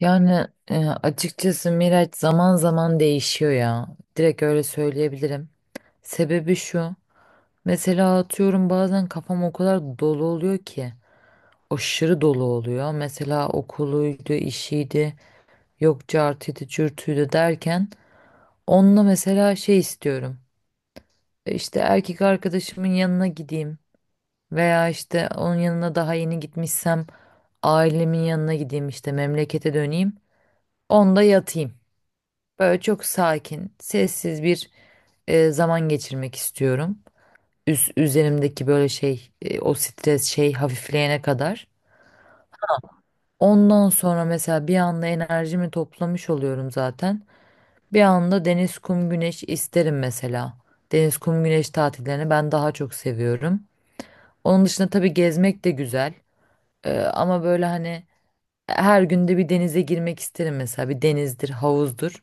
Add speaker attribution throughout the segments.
Speaker 1: Yani açıkçası Miraç zaman zaman değişiyor ya. Direkt öyle söyleyebilirim. Sebebi şu. Mesela atıyorum bazen kafam o kadar dolu oluyor ki. Aşırı dolu oluyor. Mesela okuluydu, işiydi, yok cartıydı, cürtüydü derken. Onunla mesela şey istiyorum. İşte erkek arkadaşımın yanına gideyim. Veya işte onun yanına daha yeni gitmişsem ailemin yanına gideyim, işte memlekete döneyim. Onda yatayım. Böyle çok sakin, sessiz bir zaman geçirmek istiyorum. Üzerimdeki böyle şey, o stres şey hafifleyene kadar. Ondan sonra mesela bir anda enerjimi toplamış oluyorum zaten. Bir anda deniz, kum, güneş isterim mesela. Deniz, kum, güneş tatillerini ben daha çok seviyorum. Onun dışında tabii gezmek de güzel. Ama böyle hani her günde bir denize girmek isterim mesela. Bir denizdir, havuzdur.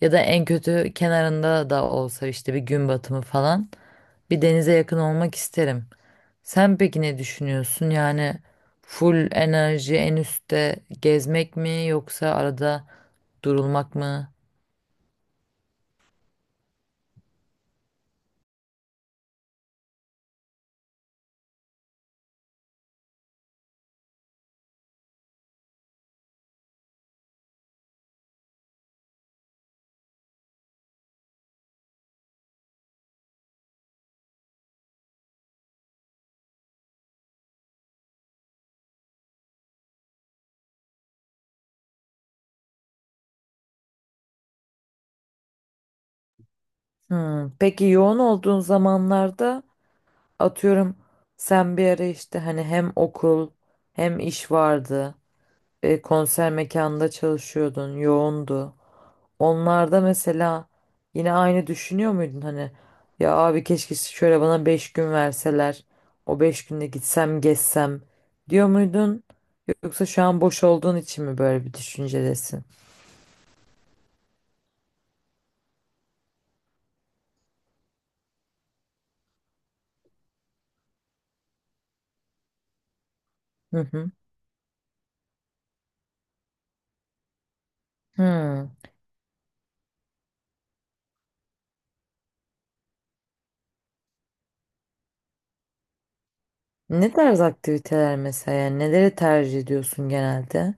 Speaker 1: Ya da en kötü kenarında da olsa, işte bir gün batımı falan, bir denize yakın olmak isterim. Sen peki ne düşünüyorsun? Yani full enerji en üstte gezmek mi, yoksa arada durulmak mı? Hmm, peki yoğun olduğun zamanlarda, atıyorum, sen bir ara işte hani hem okul hem iş vardı. Konser mekanında çalışıyordun, yoğundu. Onlarda mesela yine aynı düşünüyor muydun? Hani ya abi, keşke şöyle bana 5 gün verseler, o 5 günde gitsem gezsem, diyor muydun, yoksa şu an boş olduğun için mi böyle bir düşüncedesin? Hı hı. Hmm. Ne tarz aktiviteler mesela, yani neleri tercih ediyorsun genelde?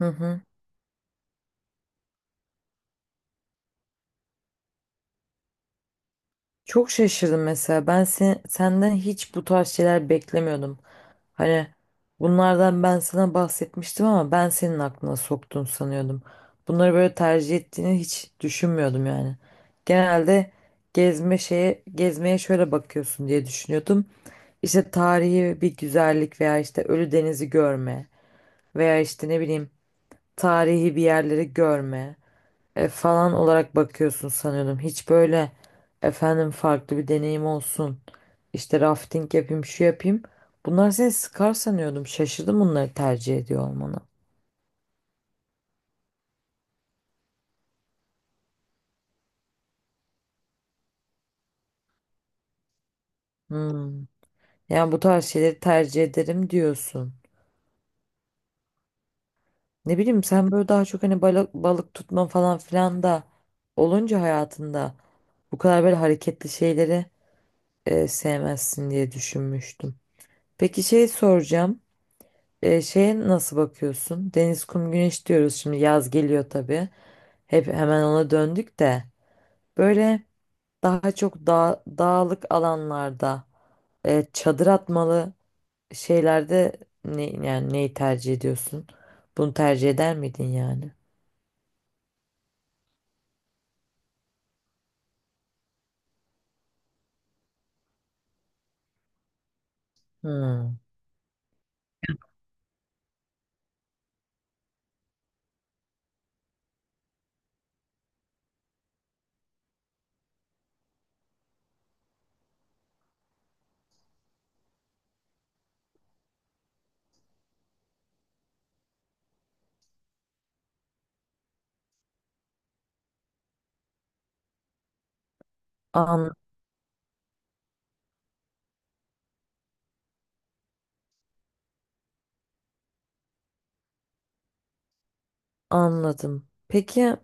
Speaker 1: Hı hı. Çok şaşırdım mesela. Senden hiç bu tarz şeyler beklemiyordum. Hani bunlardan ben sana bahsetmiştim ama ben senin aklına soktun sanıyordum. Bunları böyle tercih ettiğini hiç düşünmüyordum yani. Genelde gezme şeye, gezmeye şöyle bakıyorsun diye düşünüyordum. İşte tarihi bir güzellik veya işte Ölüdeniz'i görme veya işte ne bileyim tarihi bir yerleri görme falan olarak bakıyorsun sanıyordum. Hiç böyle, efendim, farklı bir deneyim olsun, İşte rafting yapayım, şu yapayım. Bunlar seni sıkar sanıyordum. Şaşırdım bunları tercih ediyor olmana. Hmm. Yani bu tarz şeyleri tercih ederim diyorsun. Ne bileyim, sen böyle daha çok hani balık tutma falan filan da olunca hayatında bu kadar böyle hareketli şeyleri sevmezsin diye düşünmüştüm. Peki şey soracağım. Şeye nasıl bakıyorsun? Deniz, kum, güneş diyoruz, şimdi yaz geliyor tabii. Hep hemen ona döndük de, böyle daha çok dağlık alanlarda çadır atmalı şeylerde, ne, yani neyi tercih ediyorsun? Bunu tercih eder miydin yani? Hmm. An, Anladım. Peki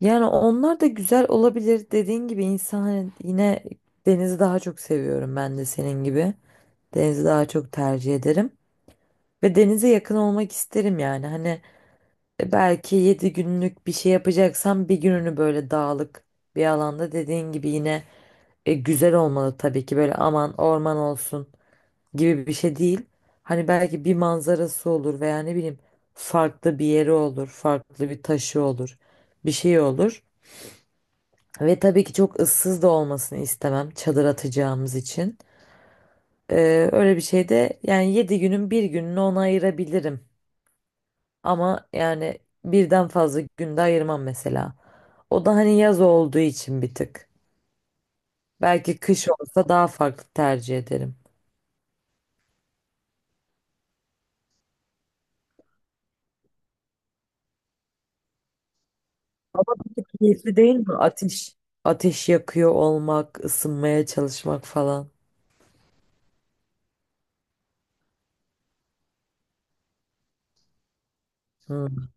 Speaker 1: yani onlar da güzel olabilir. Dediğin gibi, insan hani yine, denizi daha çok seviyorum ben de senin gibi. Denizi daha çok tercih ederim. Ve denize yakın olmak isterim yani. Hani belki 7 günlük bir şey yapacaksam, bir gününü böyle dağlık bir alanda dediğin gibi, yine güzel olmalı tabii ki. Böyle aman orman olsun gibi bir şey değil. Hani belki bir manzarası olur veya ne bileyim farklı bir yeri olur, farklı bir taşı olur, bir şey olur. Ve tabii ki çok ıssız da olmasını istemem, çadır atacağımız için. Öyle bir şey de, yani 7 günün bir gününü ona ayırabilirim, ama yani birden fazla günde ayırmam mesela. O da hani yaz olduğu için bir tık. Belki kış olsa daha farklı tercih ederim. Keyifli değil mi? Ateş yakıyor olmak, ısınmaya çalışmak falan. Hmm,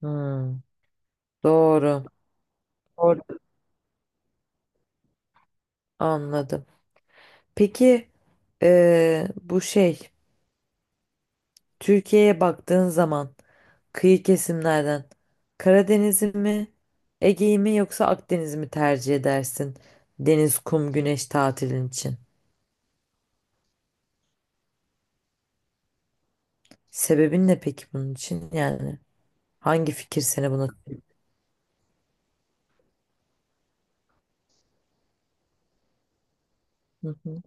Speaker 1: hmm. Doğru. Doğru. Anladım. Peki bu şey, Türkiye'ye baktığın zaman, kıyı kesimlerden, Karadeniz'i mi, Ege'yi mi, yoksa Akdeniz'i mi tercih edersin? Deniz, kum, güneş tatilin için. Sebebin ne peki bunun için? Yani hangi fikir seni buna... Hı hı.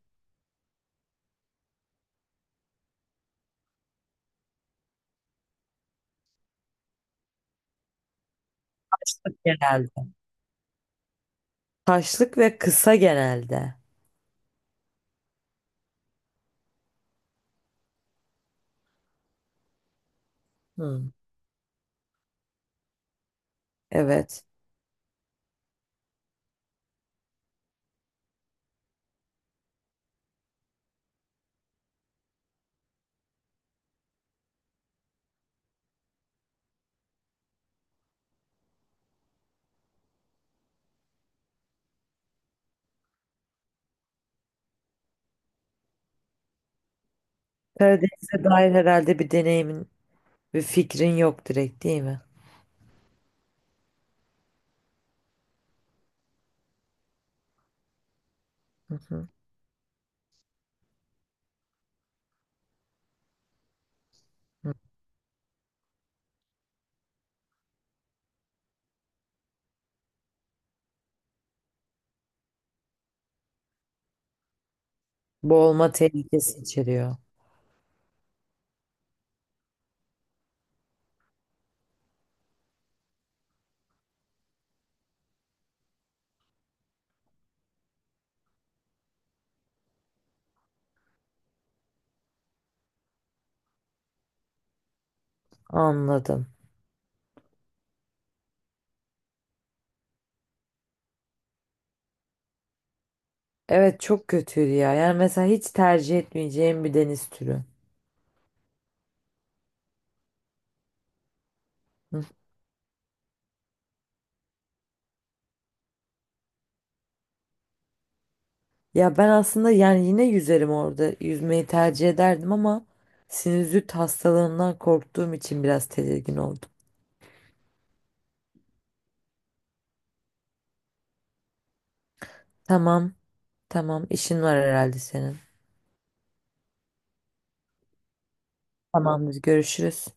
Speaker 1: Taşlık genelde. Taşlık ve kısa genelde. Hı. Evet. Karadeniz'e dair herhalde bir deneyimin ve fikrin yok direkt, değil mi? Hı hı. Hı. Boğulma tehlikesi içeriyor. Anladım. Evet, çok kötüydü ya. Yani mesela hiç tercih etmeyeceğim bir deniz türü. Hı. Ya ben aslında yani yine yüzerim orada. Yüzmeyi tercih ederdim ama sinüzit hastalığından korktuğum için biraz tedirgin oldum. Tamam, tamam. işin var herhalde senin. Tamamdır, görüşürüz.